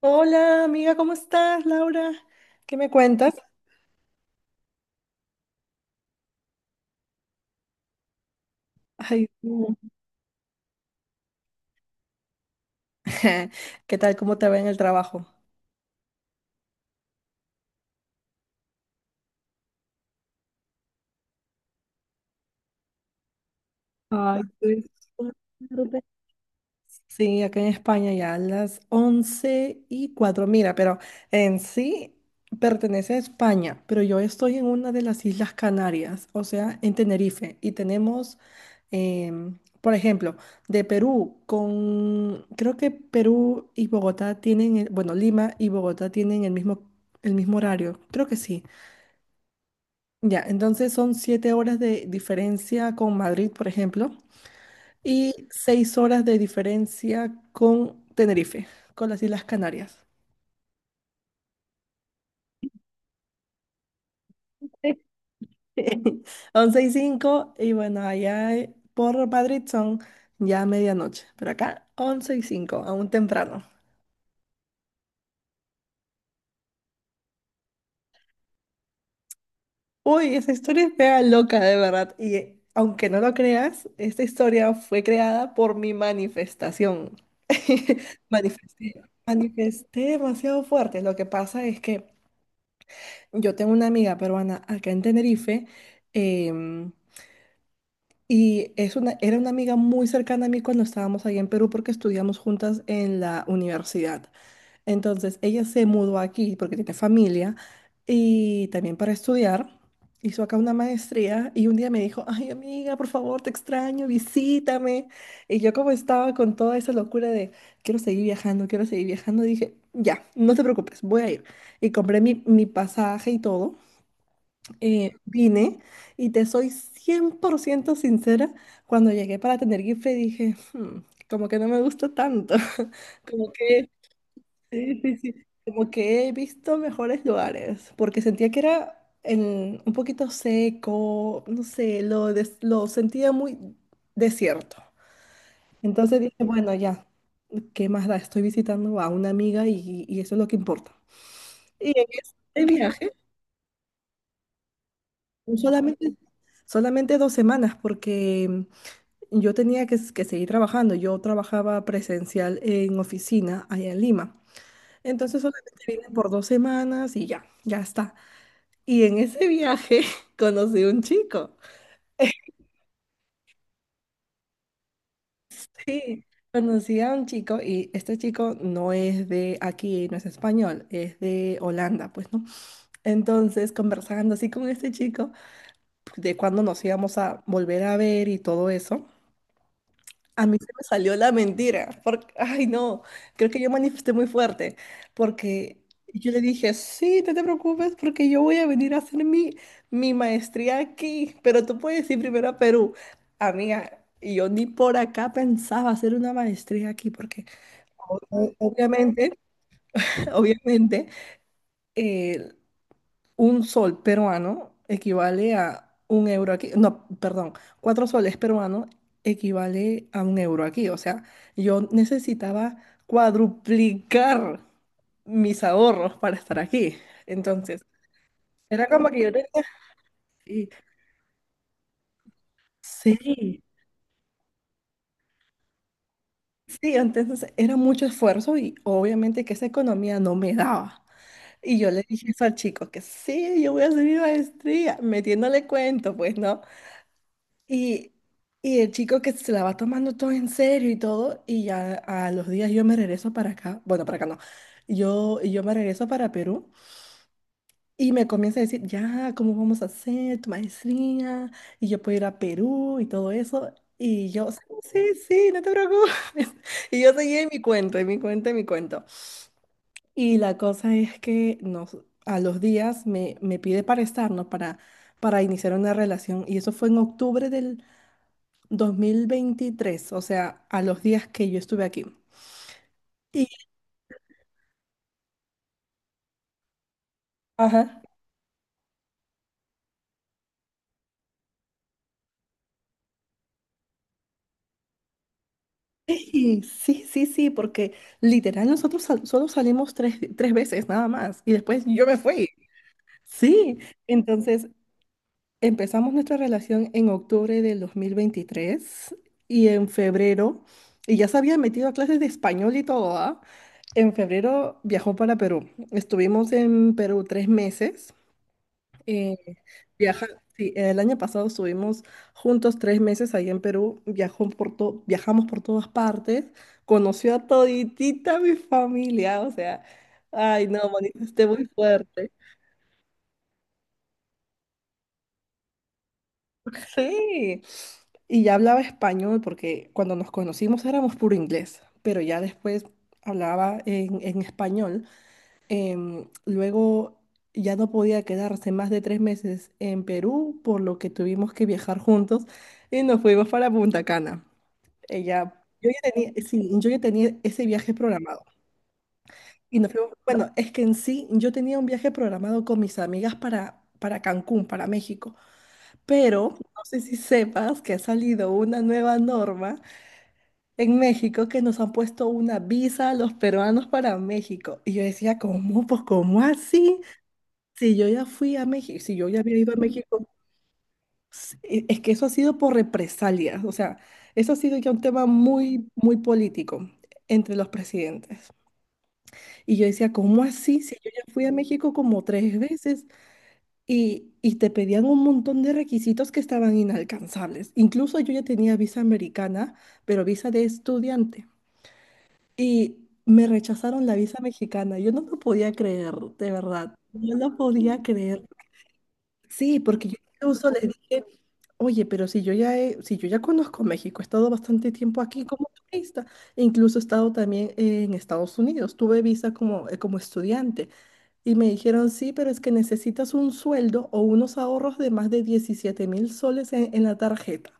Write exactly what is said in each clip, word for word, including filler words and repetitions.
Hola, amiga, ¿cómo estás, Laura? ¿Qué me cuentas? Ay, tú. ¿Qué tal? ¿Cómo te va en el trabajo? Ay, estoy súper. Sí, acá en España ya a las once y cuatro. Mira, pero en sí pertenece a España, pero yo estoy en una de las Islas Canarias, o sea, en Tenerife, y tenemos, em, por ejemplo, de Perú con, creo que Perú y Bogotá tienen, el- bueno, Lima y Bogotá tienen el mismo, el mismo horario, creo que sí. Ya, entonces son siete horas de diferencia con Madrid, por ejemplo, y seis horas de diferencia con Tenerife, con las Islas Canarias. Once y cinco, y bueno, allá eh, por Madrid son ya medianoche, pero acá once y cinco, aún temprano. Uy, esa historia es mega loca, de verdad. Y eh, aunque no lo creas, esta historia fue creada por mi manifestación. Manifesté, manifesté demasiado fuerte. Lo que pasa es que yo tengo una amiga peruana acá en Tenerife. em, Y es una, era una amiga muy cercana a mí cuando estábamos allá en Perú porque estudiamos juntas en la universidad. Entonces, ella se mudó aquí porque tiene familia y también para estudiar. Hizo acá una maestría y un día me dijo, ay, amiga, por favor, te extraño, visítame. Y yo, como estaba con toda esa locura de, quiero seguir viajando, quiero seguir viajando, dije, ya, no te preocupes, voy a ir. Y compré mi, mi pasaje y todo, eh, vine, y te soy cien por ciento sincera, cuando llegué para tener Gipfel dije, "Hmm, como que no me gusta tanto", como que, sí, sí, sí, como que he visto mejores lugares, porque sentía que era en- un poquito seco, no sé, lo, des- lo sentía muy desierto. Entonces dije, bueno, ya, ¿qué más da? Estoy visitando a una amiga, y, y eso es lo que importa. Y en este viaje, Solamente, solamente dos semanas, porque yo tenía que, que seguir trabajando. Yo trabajaba presencial en oficina allá en Lima. Entonces solamente vine por dos semanas y ya, ya está. Y en ese viaje conocí un chico. Sí, conocí a un chico, y este chico no es de aquí, no es español, es de Holanda, pues, ¿no? Entonces, conversando así con este chico, de cuándo nos íbamos a volver a ver y todo eso. A mí se me salió la mentira, porque, ay, no, creo que yo manifesté muy fuerte, porque yo le dije, sí, no te preocupes, porque yo voy a venir a hacer mi, mi maestría aquí, pero tú puedes ir primero a Perú. Amiga, y yo ni por acá pensaba hacer una maestría aquí, porque o- o- obviamente, obviamente, eh, un sol peruano equivale a un euro aquí. No, perdón, cuatro soles peruanos equivale a un euro aquí. O sea, yo necesitaba cuadruplicar mis ahorros para estar aquí. Entonces, era como que yo tenía... y- Sí, sí, entonces era mucho esfuerzo y obviamente que esa economía no me daba. Y yo le dije eso al chico, que sí, yo voy a hacer mi maestría, metiéndole cuento, pues, ¿no? Y, y el chico que se la va tomando todo en serio y todo, y ya a los días yo me regreso para acá, bueno, para acá no, yo, yo me regreso para Perú y me comienza a decir, ya, ¿cómo vamos a hacer tu maestría? Y yo puedo ir a Perú y todo eso. Y yo, sí, sí, sí, no te preocupes. Y yo seguía en mi cuento, en mi cuento, en mi cuento. Y la cosa es que nos, a los días me, me pide para estarnos, para, para iniciar una relación. Y eso fue en octubre del... dos mil veintitrés, o sea, a los días que yo estuve aquí. Y, ajá. Sí, sí, sí, sí, porque literal nosotros sal- solo salimos tres, tres veces nada más y después yo me fui. Sí, entonces empezamos nuestra relación en octubre del dos mil veintitrés y en febrero, y ya se había metido a clases de español y todo, ¿ah? En febrero viajó para Perú. Estuvimos en Perú tres meses. Eh, viaja, sí, el año pasado estuvimos juntos tres meses ahí en Perú, viajó por to- viajamos por todas partes, conoció a toditita mi familia, o sea, ay, no, manifesté muy fuerte. Sí, y ya hablaba español, porque cuando nos conocimos éramos puro inglés, pero ya después hablaba en, en español. Em, luego ya no podía quedarse más de tres meses en Perú, por lo que tuvimos que viajar juntos y nos fuimos para Punta Cana. Ella, yo ya tenía, sí, yo ya tenía ese viaje programado. Y nos fuimos, bueno, es que en sí yo tenía un viaje programado con mis amigas para, para Cancún, para México, pero no sé si sepas que ha salido una nueva norma en México, que nos han puesto una visa a los peruanos para México. Y yo decía, ¿cómo? Pues, ¿cómo así? Si yo ya fui a México, si yo ya había ido a México, s- e- es que eso ha sido por represalias, o sea, eso ha sido ya un tema muy, muy político entre los presidentes. Y yo decía, ¿cómo así? Si yo ya fui a México como tres veces, y, y te pedían un montón de requisitos que estaban inalcanzables. Incluso yo ya tenía visa americana, pero visa de estudiante. Y me rechazaron la visa mexicana. Yo no lo podía creer, de verdad. No lo podía creer. Sí, porque yo incluso les dije, oye, pero si yo ya he- si yo ya conozco México, he estado bastante tiempo aquí como turista, e incluso he estado también en Estados Unidos, tuve visa como, eh, como estudiante, y me dijeron, sí, pero es que necesitas un sueldo o unos ahorros de más de diecisiete mil soles en, en la tarjeta.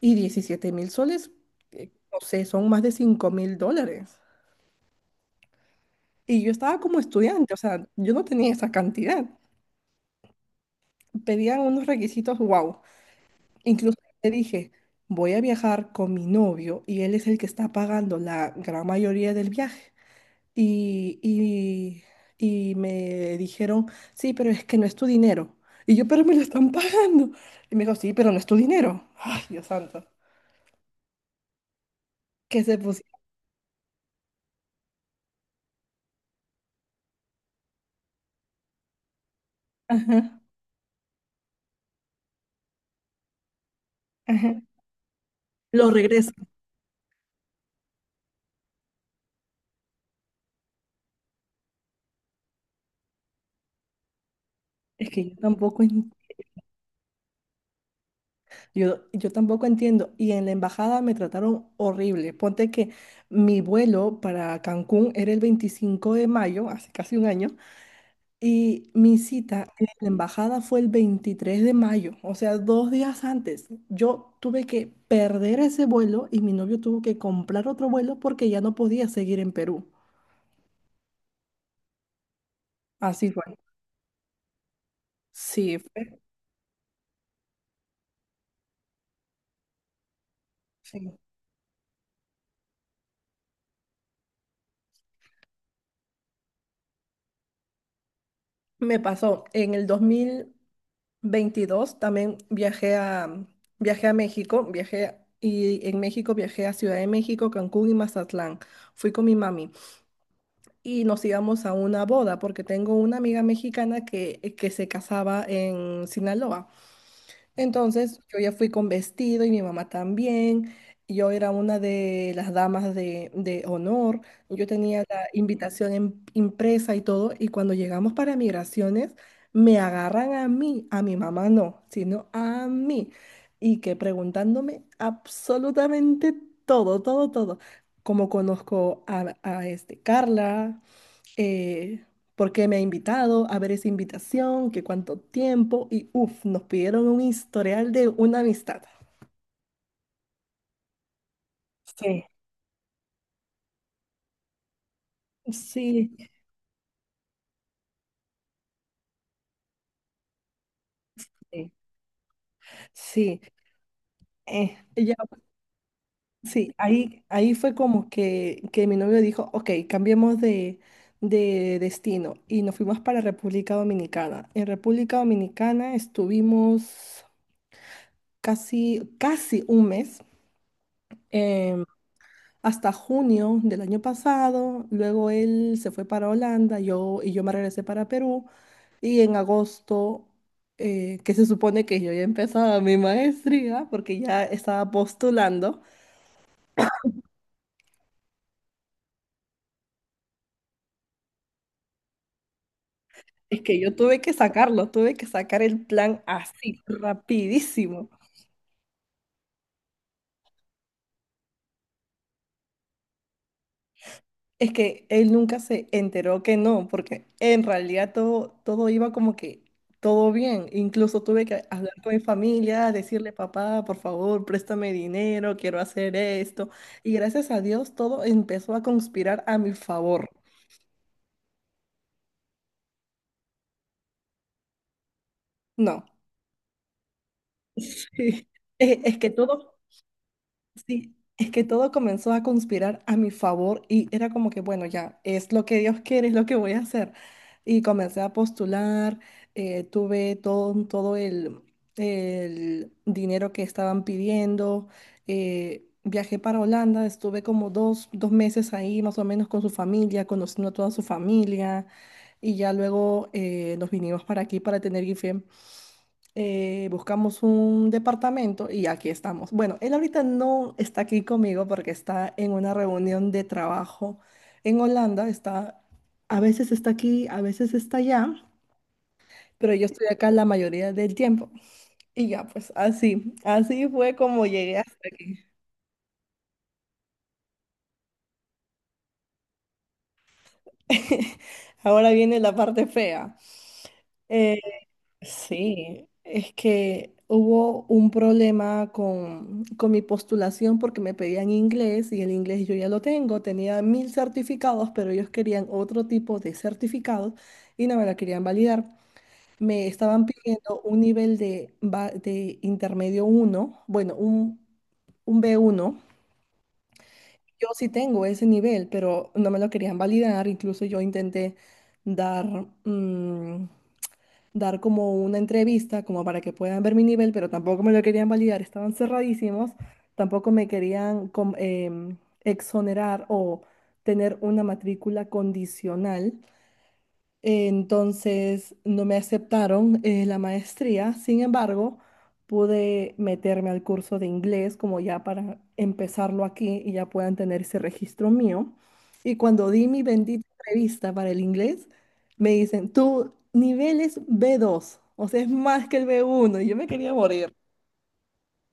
Y diecisiete mil soles, eh, no sé, son más de cinco mil dólares. Y yo estaba como estudiante, o sea, yo no tenía esa cantidad. Pedían unos requisitos, wow. Incluso te dije, voy a viajar con mi novio y él es el que está pagando la gran mayoría del viaje. Y, y, y me dijeron, sí, pero es que no es tu dinero. Y yo, pero me lo están pagando. Y me dijo, sí, pero no es tu dinero. Ay, Dios santo. Que se pusieron. Ajá, ajá. Lo regreso. Es que yo tampoco, en- yo, yo tampoco entiendo. Y en la embajada me trataron horrible. Ponte que mi vuelo para Cancún era el veinticinco de mayo, hace casi un año. Y mi cita en la embajada fue el veintitrés de mayo, o sea, dos días antes. Yo tuve que perder ese vuelo y mi novio tuvo que comprar otro vuelo porque ya no podía seguir en Perú. Así fue. Sí, fue- sí. Me pasó. En el dos mil veintidós también viajé a, viajé a México, viajé y en México viajé a Ciudad de México, Cancún y Mazatlán. Fui con mi mami, y nos íbamos a una boda, porque tengo una amiga mexicana que, eh, que se casaba en Sinaloa. Entonces yo ya fui con vestido y mi mamá también. Yo era una de las damas de, de honor. Yo tenía la invitación em- impresa y todo. Y cuando llegamos para migraciones, me agarran a mí, a mi mamá no, sino a mí. Y que preguntándome absolutamente todo, todo, todo. Como conozco a, a este Carla, eh, por qué me ha invitado, a ver esa invitación, que cuánto tiempo, y uff, nos pidieron un historial de una amistad. Sí, sí, sí, sí, eh, ya, sí, ahí, ahí fue como que, que mi novio dijo, ok, cambiemos de, de destino, y nos fuimos para República Dominicana. En República Dominicana estuvimos casi, casi un mes. em, Hasta junio del año pasado, luego él se fue para Holanda, yo y yo me regresé para Perú, y en agosto, eh, que se supone que yo ya empezaba mi maestría porque ya estaba postulando, es que yo tuve que sacarlo, tuve que sacar el plan así, rapidísimo. Es que él nunca se enteró que no, porque en realidad todo, todo iba como que todo bien. Incluso tuve que hablar con mi familia, decirle, papá, por favor, préstame dinero, quiero hacer esto. Y gracias a Dios todo empezó a conspirar a mi favor. No. Sí. Es, es que todo Sí, es que todo comenzó a conspirar a mi favor y era como que, bueno, ya, es lo que Dios quiere, es lo que voy a hacer. Y comencé a postular, eh, tuve todo, todo el, el dinero que estaban pidiendo, eh, viajé para Holanda, estuve como dos, dos meses ahí más o menos con su familia, conociendo a toda su familia, y ya luego, eh, nos vinimos para aquí para tener I F E M, eh, buscamos un departamento y aquí estamos. Bueno, él ahorita no está aquí conmigo porque está en una reunión de trabajo en Holanda. Está, a veces está aquí, a veces está allá, pero yo estoy acá la mayoría del tiempo. Y ya, pues así, así fue como llegué hasta aquí. Ahora viene la parte fea. Eh, Sí, es que hubo un problema con, con mi postulación porque me pedían inglés y el inglés yo ya lo tengo, tenía mil certificados, pero ellos querían otro tipo de certificados y no me la querían validar. Me estaban pidiendo un nivel de, ba- de intermedio uno, bueno, un, un b uno. Yo sí tengo ese nivel, pero no me lo querían validar. Incluso yo intenté dar, mm, dar como una entrevista, como para que puedan ver mi nivel, pero tampoco me lo querían validar, estaban cerradísimos, tampoco me querían com- em, exonerar o tener una matrícula condicional. Entonces no me aceptaron eh, la maestría. Sin embargo, pude meterme al curso de inglés como ya para empezarlo aquí y ya puedan tener ese registro mío. Y cuando di mi bendita entrevista para el inglés, me dicen, tu nivel es B dos, o sea, es más que el B uno, y yo me quería morir.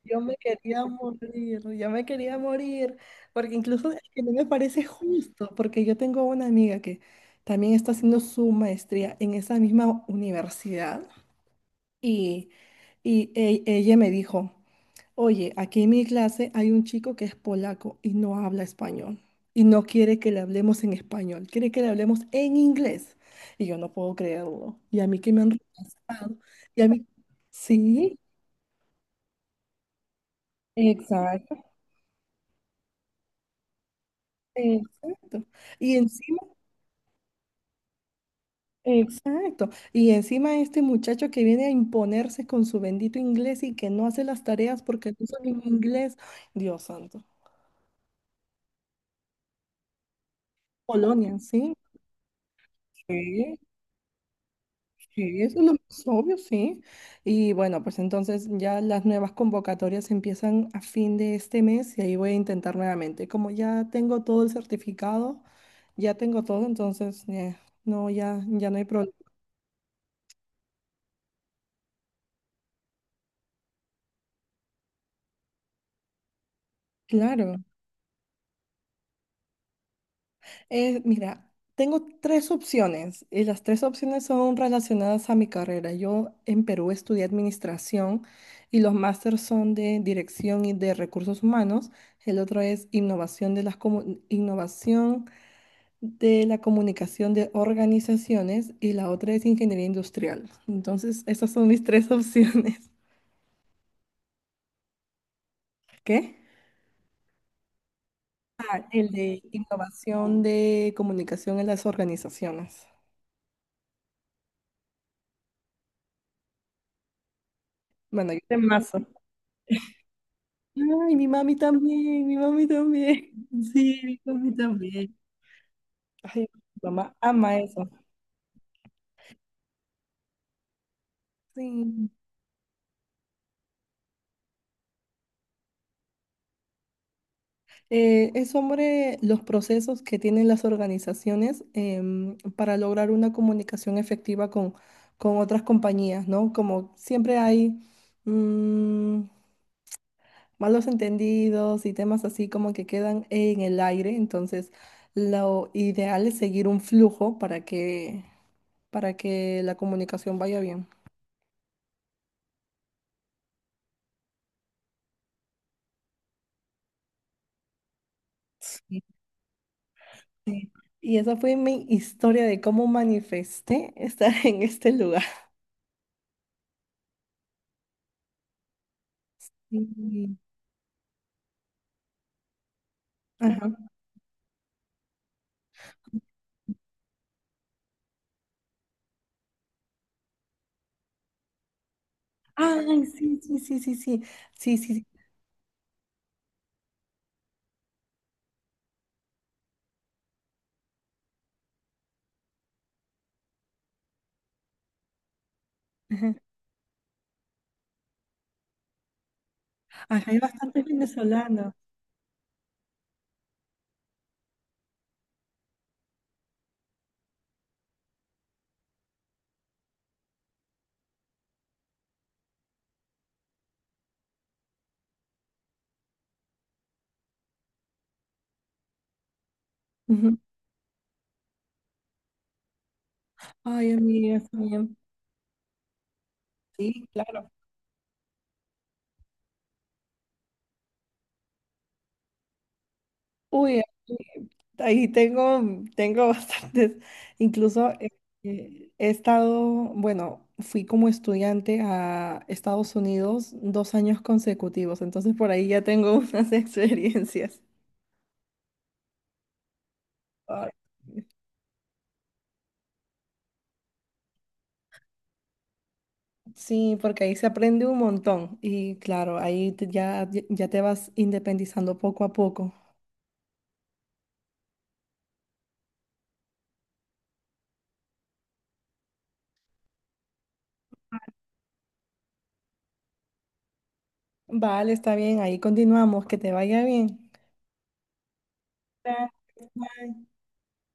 Yo me quería morir, yo me quería morir, porque incluso es que no me parece justo, porque yo tengo una amiga que también está haciendo su maestría en esa misma universidad y, y e- ella me dijo, oye, aquí en mi clase hay un chico que es polaco y no habla español y no quiere que le hablemos en español, quiere que le hablemos en inglés. Y yo no puedo creerlo. Y a mí que me han rechazado. Y a mí, sí. Exacto. Exacto. Y encima, exacto. Y encima este muchacho que viene a imponerse con su bendito inglés y que no hace las tareas porque no sabe inglés. Dios santo. Polonia, sí. Sí, sí, eso es lo más obvio, sí. Y bueno, pues entonces ya las nuevas convocatorias empiezan a fin de este mes y ahí voy a intentar nuevamente. Como ya tengo todo el certificado, ya tengo todo, entonces eh, no, ya, ya no hay problema. Claro. Eh, mira, tengo tres opciones y las tres opciones son relacionadas a mi carrera. Yo en Perú estudié administración y los másters son de dirección y de recursos humanos. El otro es innovación de las comu- innovación de la comunicación de organizaciones y la otra es ingeniería industrial. Entonces, esas son mis tres opciones. ¿Qué? El de innovación de comunicación en las organizaciones. Bueno, yo te... Ay, mi mami también, mi mami también. Sí, mi mami también. Ay, mi mamá ama eso. Sí. Eh, es sobre los procesos que tienen las organizaciones em, para lograr una comunicación efectiva con, con otras compañías, ¿no? Como siempre hay mm, malos entendidos y temas así como que quedan en el aire, entonces lo ideal es seguir un flujo para que, para que la comunicación vaya bien. Y esa fue mi historia de cómo manifesté estar en este lugar. Sí. Ajá. Ay, sí, sí, sí, sí, sí, sí, sí, sí. Ajá. Ajá, hay bastantes venezolanos. Ujú. Ay, amiga, sí, em- sí, claro. Uy, aquí... ahí tengo, tengo bastantes. Incluso eh, eh, he estado, bueno, fui como estudiante a Estados Unidos dos años consecutivos, entonces por ahí ya tengo unas experiencias. Ay. Sí, porque ahí se aprende un montón y claro, ahí te... ya, ya te vas independizando poco a poco. Vale, está bien, ahí continuamos, que te vaya bien. Bye.